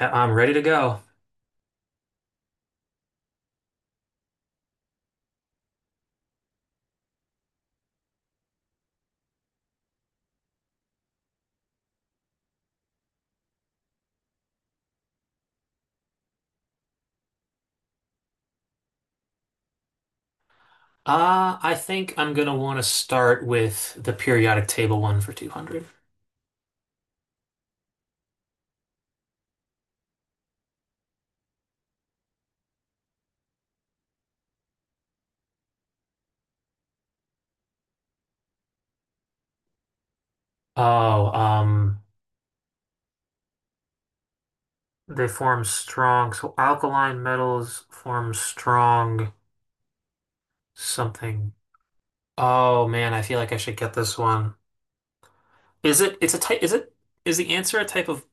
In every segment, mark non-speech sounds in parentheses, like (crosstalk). Yeah, I'm ready to go. I think I'm gonna want to start with the periodic table one for 200. Oh, um, they form strong. So alkaline metals form strong something. Oh man, I feel like I should get this one. Is it? It's a type. Is it? Is the answer a type of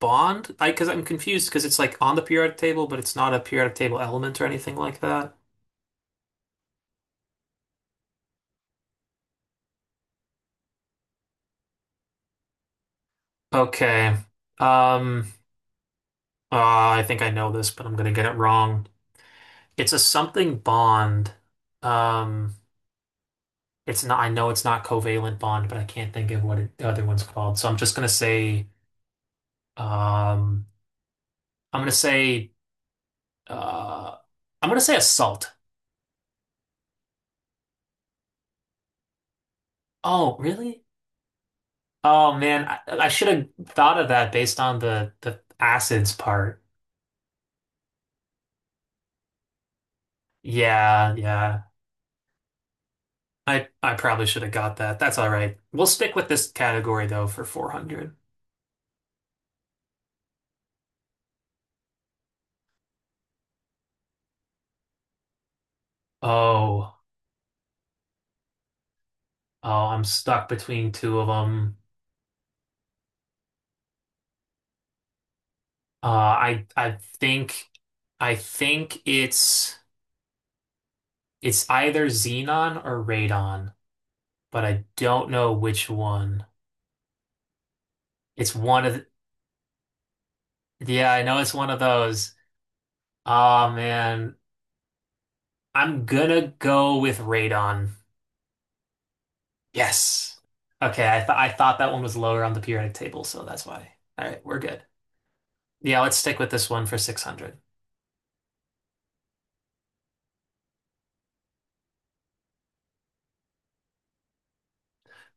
bond? I because I'm confused because it's like on the periodic table, but it's not a periodic table element or anything like that. Okay. Um. Uh, I think I know this, but I'm gonna get it wrong. It's a something bond. Um, it's not. I know it's not covalent bond, but I can't think of what it, the other one's called. So I'm just gonna say. Um, I'm gonna say. Uh, I'm gonna say a salt. Oh, really? Oh man, I should have thought of that based on the acids part. Yeah, yeah. I probably should have got that. That's all right. We'll stick with this category though for 400. Oh, oh, I'm stuck between two of them. I think I think it's either xenon or radon, but I don't know which one. It's one of the, yeah, I know it's one of those. Oh man, I'm gonna go with radon. Yes. Okay, I thought that one was lower on the periodic table, so that's why. All right, we're good. Yeah, let's stick with this one for 600.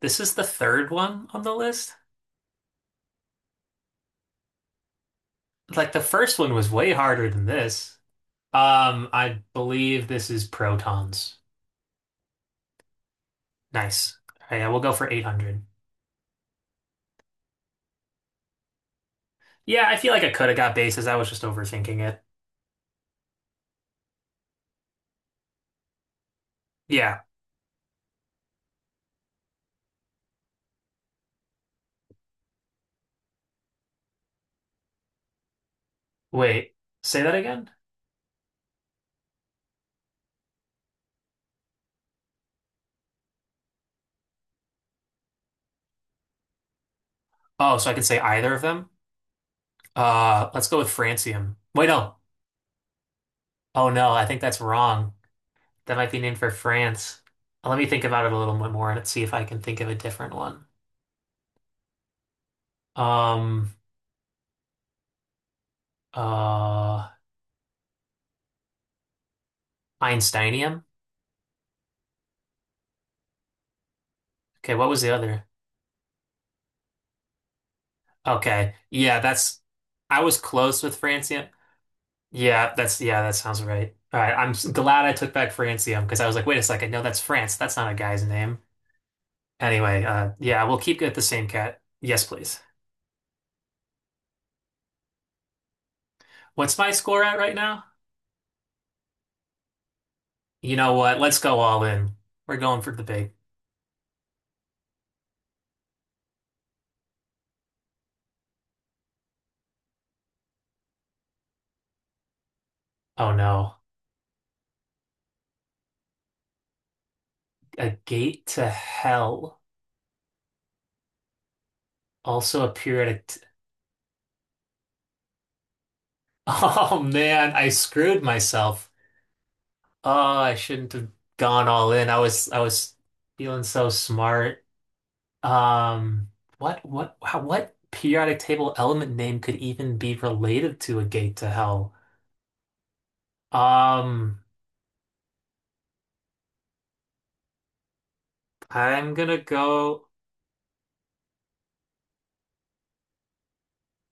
This is the third one on the list. Like the first one was way harder than this. I believe this is protons. Nice. All right, yeah, we'll go for 800. Yeah, I feel like I could have got bases. I was just overthinking it. Yeah. Wait, say that again? Oh, so I can say either of them? Let's go with francium. Wait, no. Oh no, I think that's wrong. That might be named for France. Let me think about it a little bit more and see if I can think of a different one. Um, uh, Einsteinium? Okay, what was the other? Okay. Yeah, that's I was close with francium. Yeah, that's yeah, that sounds right. All right, glad I took back Francium because I was like, wait a second, no, that's France. That's not a guy's name. Anyway, yeah, we'll keep it the same cat. Yes, please. What's my score at right now? You know what? Let's go all in. We're going for the big. Oh no, a gate to hell also appeared at. (laughs) Oh man, I screwed myself. Oh, I shouldn't have gone all in. I was feeling so smart. Um, what how, what periodic table element name could even be related to a gate to hell? Um, I'm gonna go.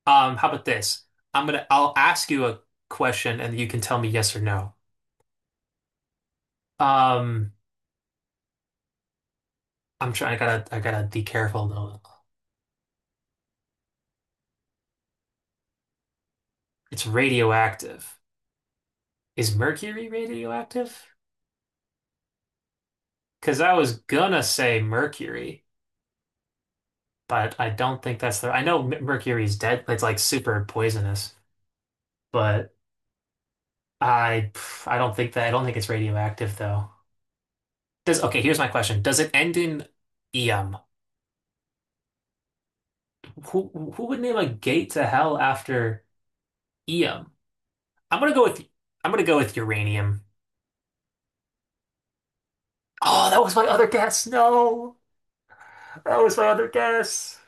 How about this? I'll ask you a question and you can tell me yes or no. Um, I'm trying. I gotta be careful though. It's radioactive. Is mercury radioactive? Because I was gonna say mercury, but I don't think that's the. I know mercury is dead. It's like super poisonous, but. I I don't think that I don't think it's radioactive though. Does okay, here's my question. Does it end in Eum? Who who would name a gate to hell after Eum? I'm gonna go with I'm gonna go with uranium. Oh, that was my other guess. No, that was my other guess.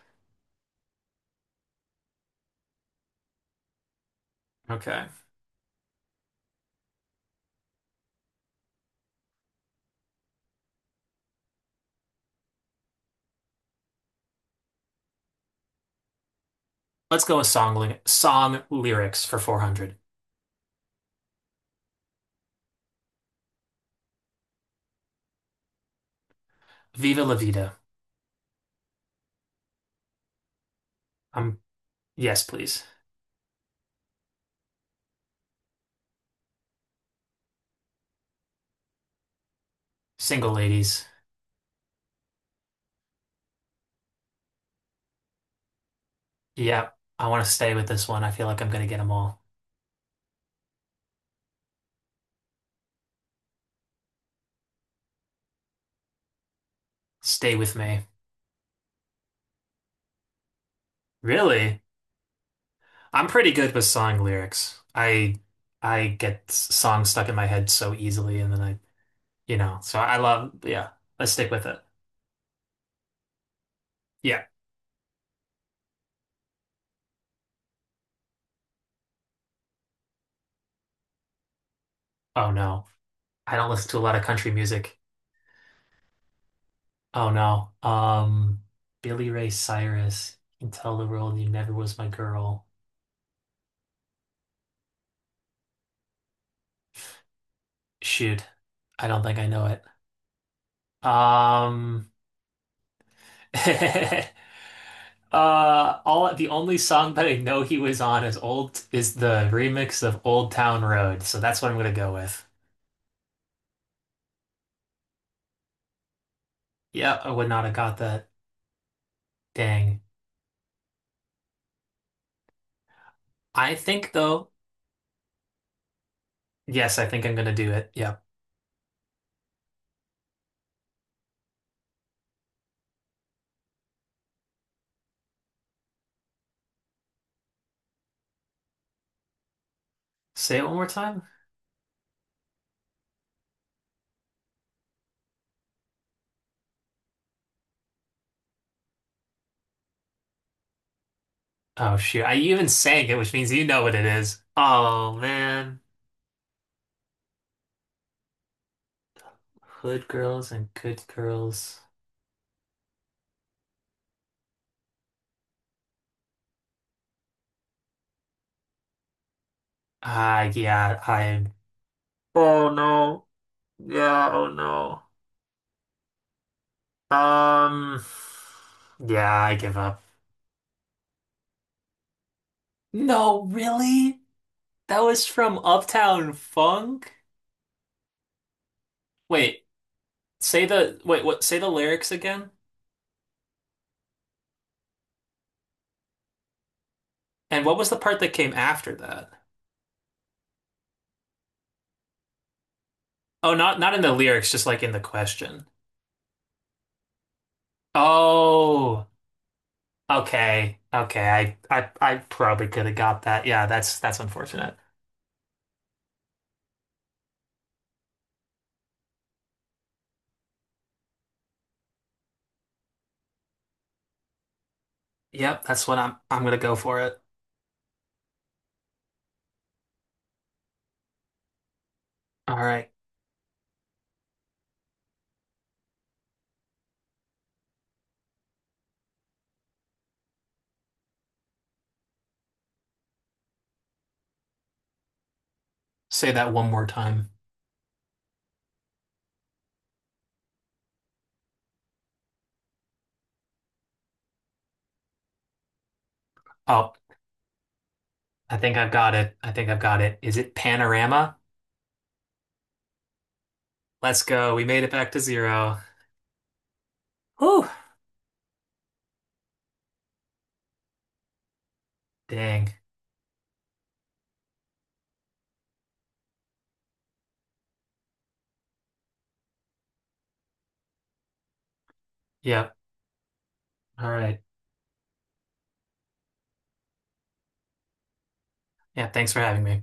Okay. Let's go with song lyrics for 400. Viva la vida. Um, yes, please. Single ladies. Yep. I want to stay with this one. I feel like I'm gonna get them all. Stay with me. Really? I'm pretty good with song lyrics. I get songs stuck in my head so easily, and then I, you know, so I love, yeah, let's stick with it. Yeah. Oh no. I don't listen to a lot of country music. Oh no. Billy Ray Cyrus, you can tell the world you never was my girl. Shoot. I don't think I know it. Um, (laughs) uh, all the only song that I know he was on is old is the remix of Old Town Road, so that's what I'm gonna go with. Yeah, I would not have got that. Dang. I think though, yes, I think I'm gonna do it. Yep. Say it one more time. Oh shoot. I even sang it, which means you know what it is. Oh man. Hood girls and good girls. Ah, yeah, I'm oh no. Yeah, oh no. Um yeah, I give up. No, really? That was from Uptown Funk? Wait, say the wait, what say the lyrics again? And what was the part that came after that? Oh, not not in the lyrics, just like in the question. Oh, okay. Okay. I probably could have got that. Yeah, that's unfortunate. Yep, that's what I'm gonna go for it. All right. Say that one more time. Oh, I think I've got it. I think I've got it. Is it panorama? Let's go. We made it back to zero. Whew. Dang. Yep. All right. Yeah, thanks for having me.